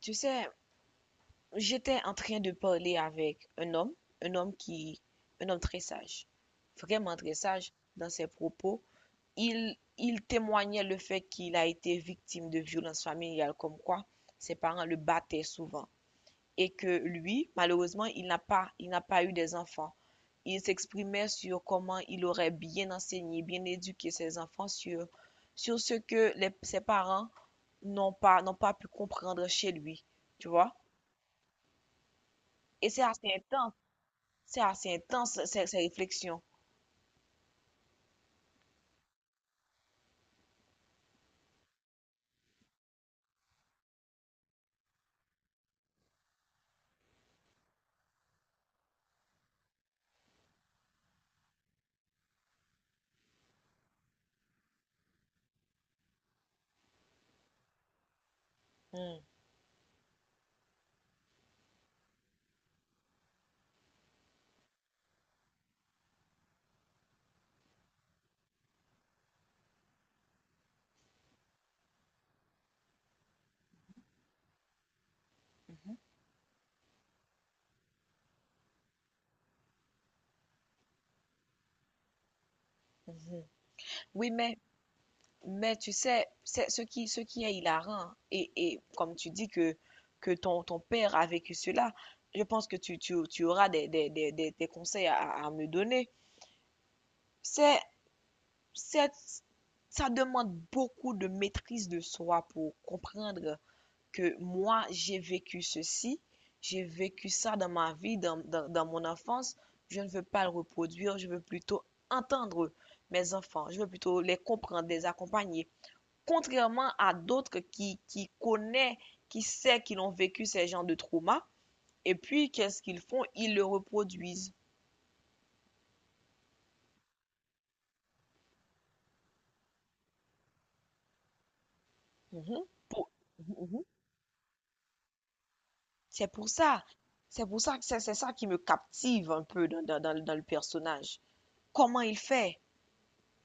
Tu sais, j'étais en train de parler avec un homme, un homme qui, un homme très sage, vraiment très sage dans ses propos. Il témoignait le fait qu'il a été victime de violences familiales, comme quoi ses parents le battaient souvent. Et que lui, malheureusement, il n'a pas eu des enfants. Il s'exprimait sur comment il aurait bien enseigné, bien éduqué ses enfants sur ce que ses parents n'ont pas pu comprendre chez lui, tu vois? Et c'est assez intense ces réflexions. Hmm. Mhm. Oui, mais tu sais, c'est ce qui est hilarant, et, comme tu dis que ton père a vécu cela, je pense que tu auras des conseils à me donner. C'est, c'est, ça demande beaucoup de maîtrise de soi pour comprendre que moi, j'ai vécu ceci, j'ai vécu ça dans ma vie, dans mon enfance. Je ne veux pas le reproduire, je veux plutôt entendre mes enfants, je veux plutôt les comprendre, les accompagner. Contrairement à d'autres qui connaissent, qui sait qu'ils ont vécu ces genres de traumas, et puis qu'est-ce qu'ils font? Ils le reproduisent. Mhm. Pour- Mhm. C'est pour ça. C'est pour ça que c'est ça qui me captive un peu dans le personnage. Comment il fait?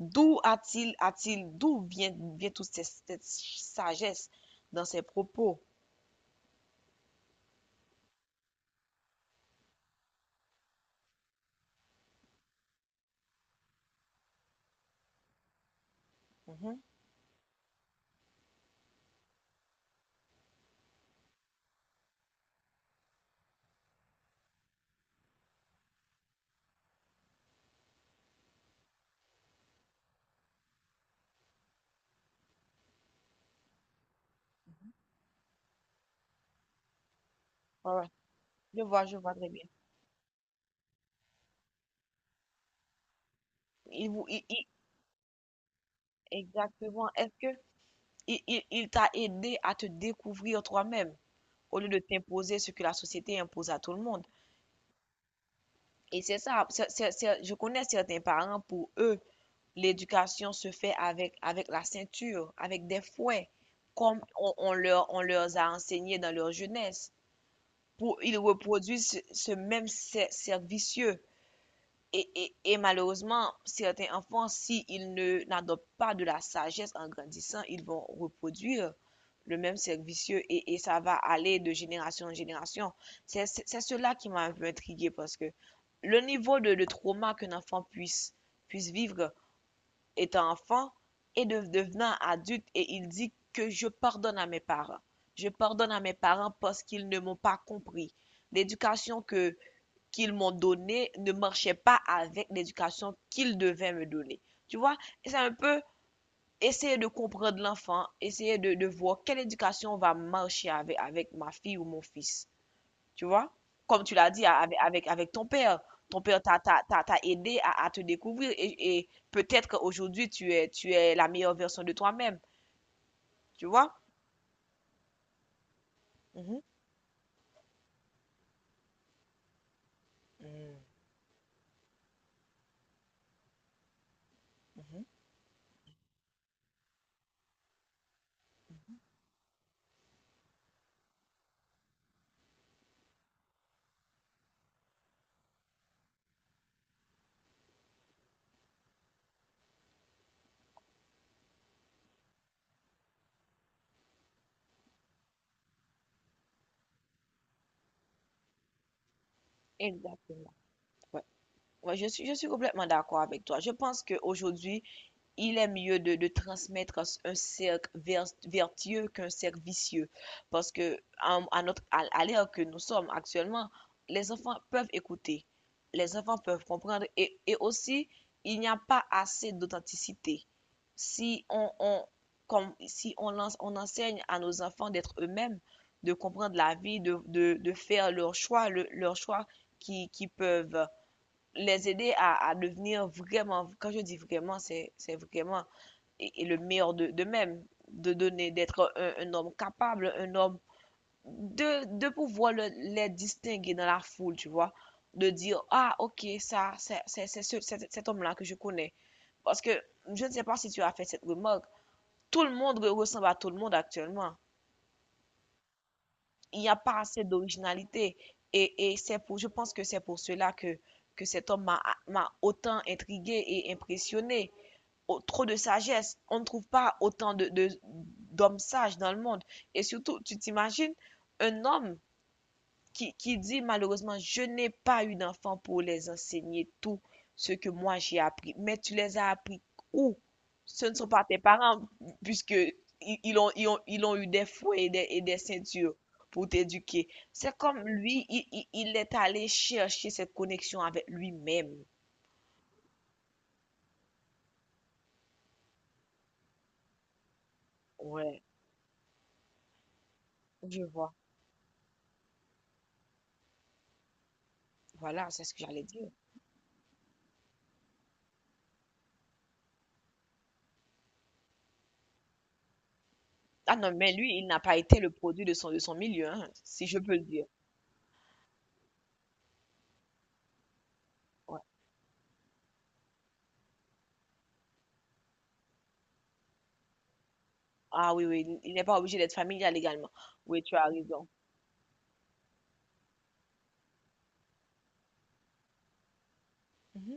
D'où vient toute cette sagesse dans ses propos? Mhm. Ouais, ouais. Je vois très bien. Il vous, il- Exactement. Est-ce que il t'a aidé à te découvrir toi-même au lieu de t'imposer ce que la société impose à tout le monde? Et c'est ça. Je connais certains parents, pour eux, l'éducation se fait avec, avec la ceinture, avec des fouets, comme on leur a enseigné dans leur jeunesse. Pour, ils reproduisent ce même cercle vicieux. Et malheureusement, certains enfants, s'ils ne n'adoptent pas de la sagesse en grandissant, ils vont reproduire le même cercle vicieux et, ça va aller de génération en génération. C'est cela qui m'a un peu intrigué parce que le niveau de trauma qu'un enfant puisse, puisse vivre étant enfant et de, devenant adulte, et il dit que je pardonne à mes parents. Je pardonne à mes parents parce qu'ils ne m'ont pas compris. L'éducation que qu'ils m'ont donnée ne marchait pas avec l'éducation qu'ils devaient me donner. Tu vois, c'est un peu essayer de comprendre l'enfant, essayer de voir quelle éducation va marcher avec, avec ma fille ou mon fils. Tu vois? Comme tu l'as dit avec, avec ton père. Ton père t'a aidé à te découvrir et peut-être qu'aujourd'hui, tu es la meilleure version de toi-même. Tu vois? Mhm. Mm. Exactement. Ouais. Ouais, je suis complètement d'accord avec toi. Je pense qu'aujourd'hui, il est mieux de transmettre un cercle vertueux qu'un cercle vicieux. Parce que, à l'ère que nous sommes actuellement, les enfants peuvent écouter, les enfants peuvent comprendre et aussi, il n'y a pas assez d'authenticité. Si on, on, comme, si on, lance- On enseigne à nos enfants d'être eux-mêmes, de comprendre la vie, de faire leurs choix, leurs choix qui peuvent les aider à devenir vraiment, quand je dis vraiment, c'est vraiment et le meilleur d'eux-mêmes, de donner, d'être un homme capable, un homme, de pouvoir les distinguer dans la foule, tu vois, de dire, ah, ok, ça, c'est cet cet homme-là que je connais. Parce que je ne sais pas si tu as fait cette remarque, tout le monde ressemble à tout le monde actuellement. Il n'y a pas assez d'originalité. Je pense que c'est pour cela que cet homme m'a autant intrigué et impressionné. Trop de sagesse. On ne trouve pas autant d'hommes sages dans le monde. Et surtout, tu t'imagines un homme qui dit malheureusement, je n'ai pas eu d'enfant pour les enseigner tout ce que moi j'ai appris. Mais tu les as appris où? Ce ne sont pas tes parents, puisque ils ont eu des fouets et des ceintures pour t'éduquer. C'est comme lui, il est allé chercher cette connexion avec lui-même. Ouais, je vois. Voilà, c'est ce que j'allais dire. Ah non, mais lui, il n'a pas été le produit de son milieu, hein, si je peux le dire. Ouais. Ah oui, oui, il n'est pas obligé d'être familial également. Oui, tu as raison. Mhm.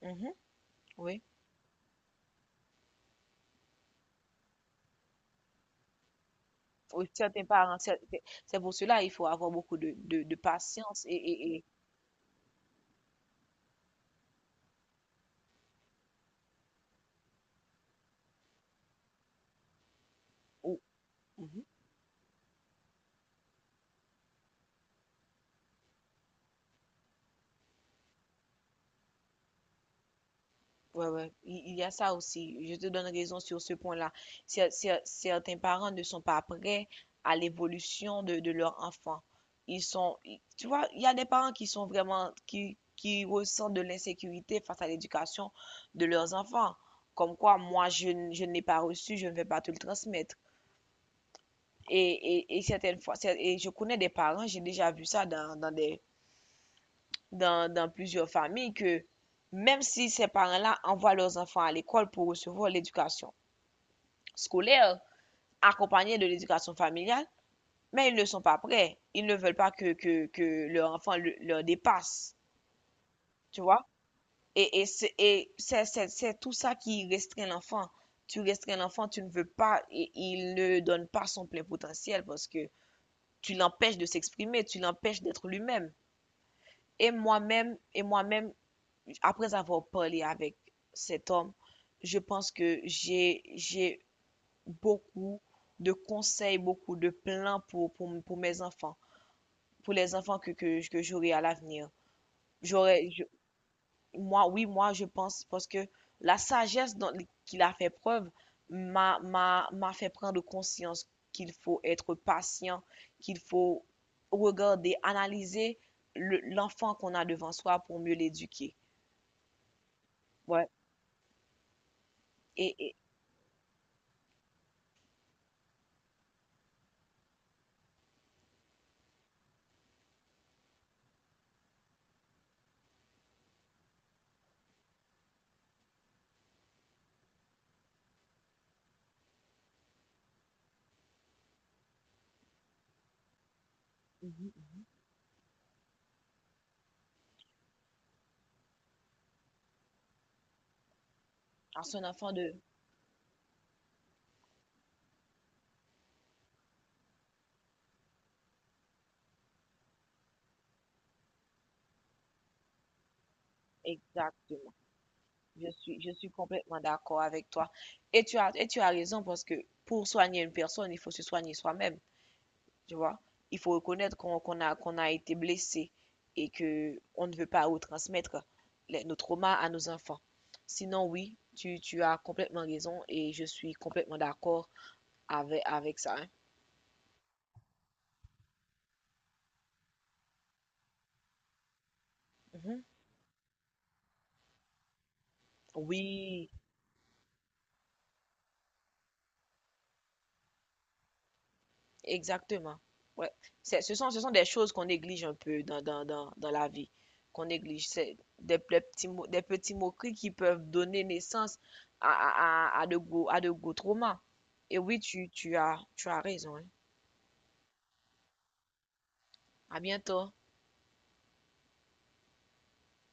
Mhm. Oui. Oui, certains parents, c'est pour cela il faut avoir beaucoup de patience ou- mhm. Ouais, ouais, il y a ça aussi. Je te donne raison sur ce point-là. Certains parents ne sont pas prêts à l'évolution de leur enfant. Tu vois, il y a des parents qui sont vraiment, qui ressentent de l'insécurité face à l'éducation de leurs enfants. Comme quoi, moi, je ne l'ai pas reçu, je ne vais pas te le transmettre. Et, et certaines fois, et je connais des parents, j'ai déjà vu ça dans plusieurs familles que même si ces parents-là envoient leurs enfants à l'école pour recevoir l'éducation scolaire accompagnée de l'éducation familiale, mais ils ne sont pas prêts. Ils ne veulent pas que leur enfant leur dépasse, tu vois? C'est tout ça qui restreint l'enfant. Tu restreins l'enfant, tu ne veux pas, et il ne donne pas son plein potentiel parce que tu l'empêches de s'exprimer, tu l'empêches d'être lui-même. Et moi-même, après avoir parlé avec cet homme, je pense que j'ai beaucoup de conseils, beaucoup de plans pour mes enfants, pour les enfants que j'aurai à l'avenir. J'aurais, je- Moi, oui, moi, je pense, parce que la sagesse dont, qu'il a fait preuve m'a fait prendre conscience qu'il faut être patient, qu'il faut regarder, analyser l'enfant qu'on a devant soi pour mieux l'éduquer. Ouais. Et, et- mhm. À son enfant de... Exactement. Je suis complètement d'accord avec toi. Et tu as raison parce que pour soigner une personne, il faut se soigner soi-même, tu vois. Il faut reconnaître qu'on a, qu'on a été blessé et que on ne veut pas retransmettre nos traumas à nos enfants. Sinon, oui, tu as complètement raison et je suis complètement d'accord avec, avec ça, hein. Mhm. Oui. Exactement. Ouais. C'est, ce sont des choses qu'on néglige un peu dans la vie, qu'on néglige. C'est des petits, des petits moqueries qui peuvent donner naissance à de gros traumas. Et oui, tu as raison, hein. À bientôt.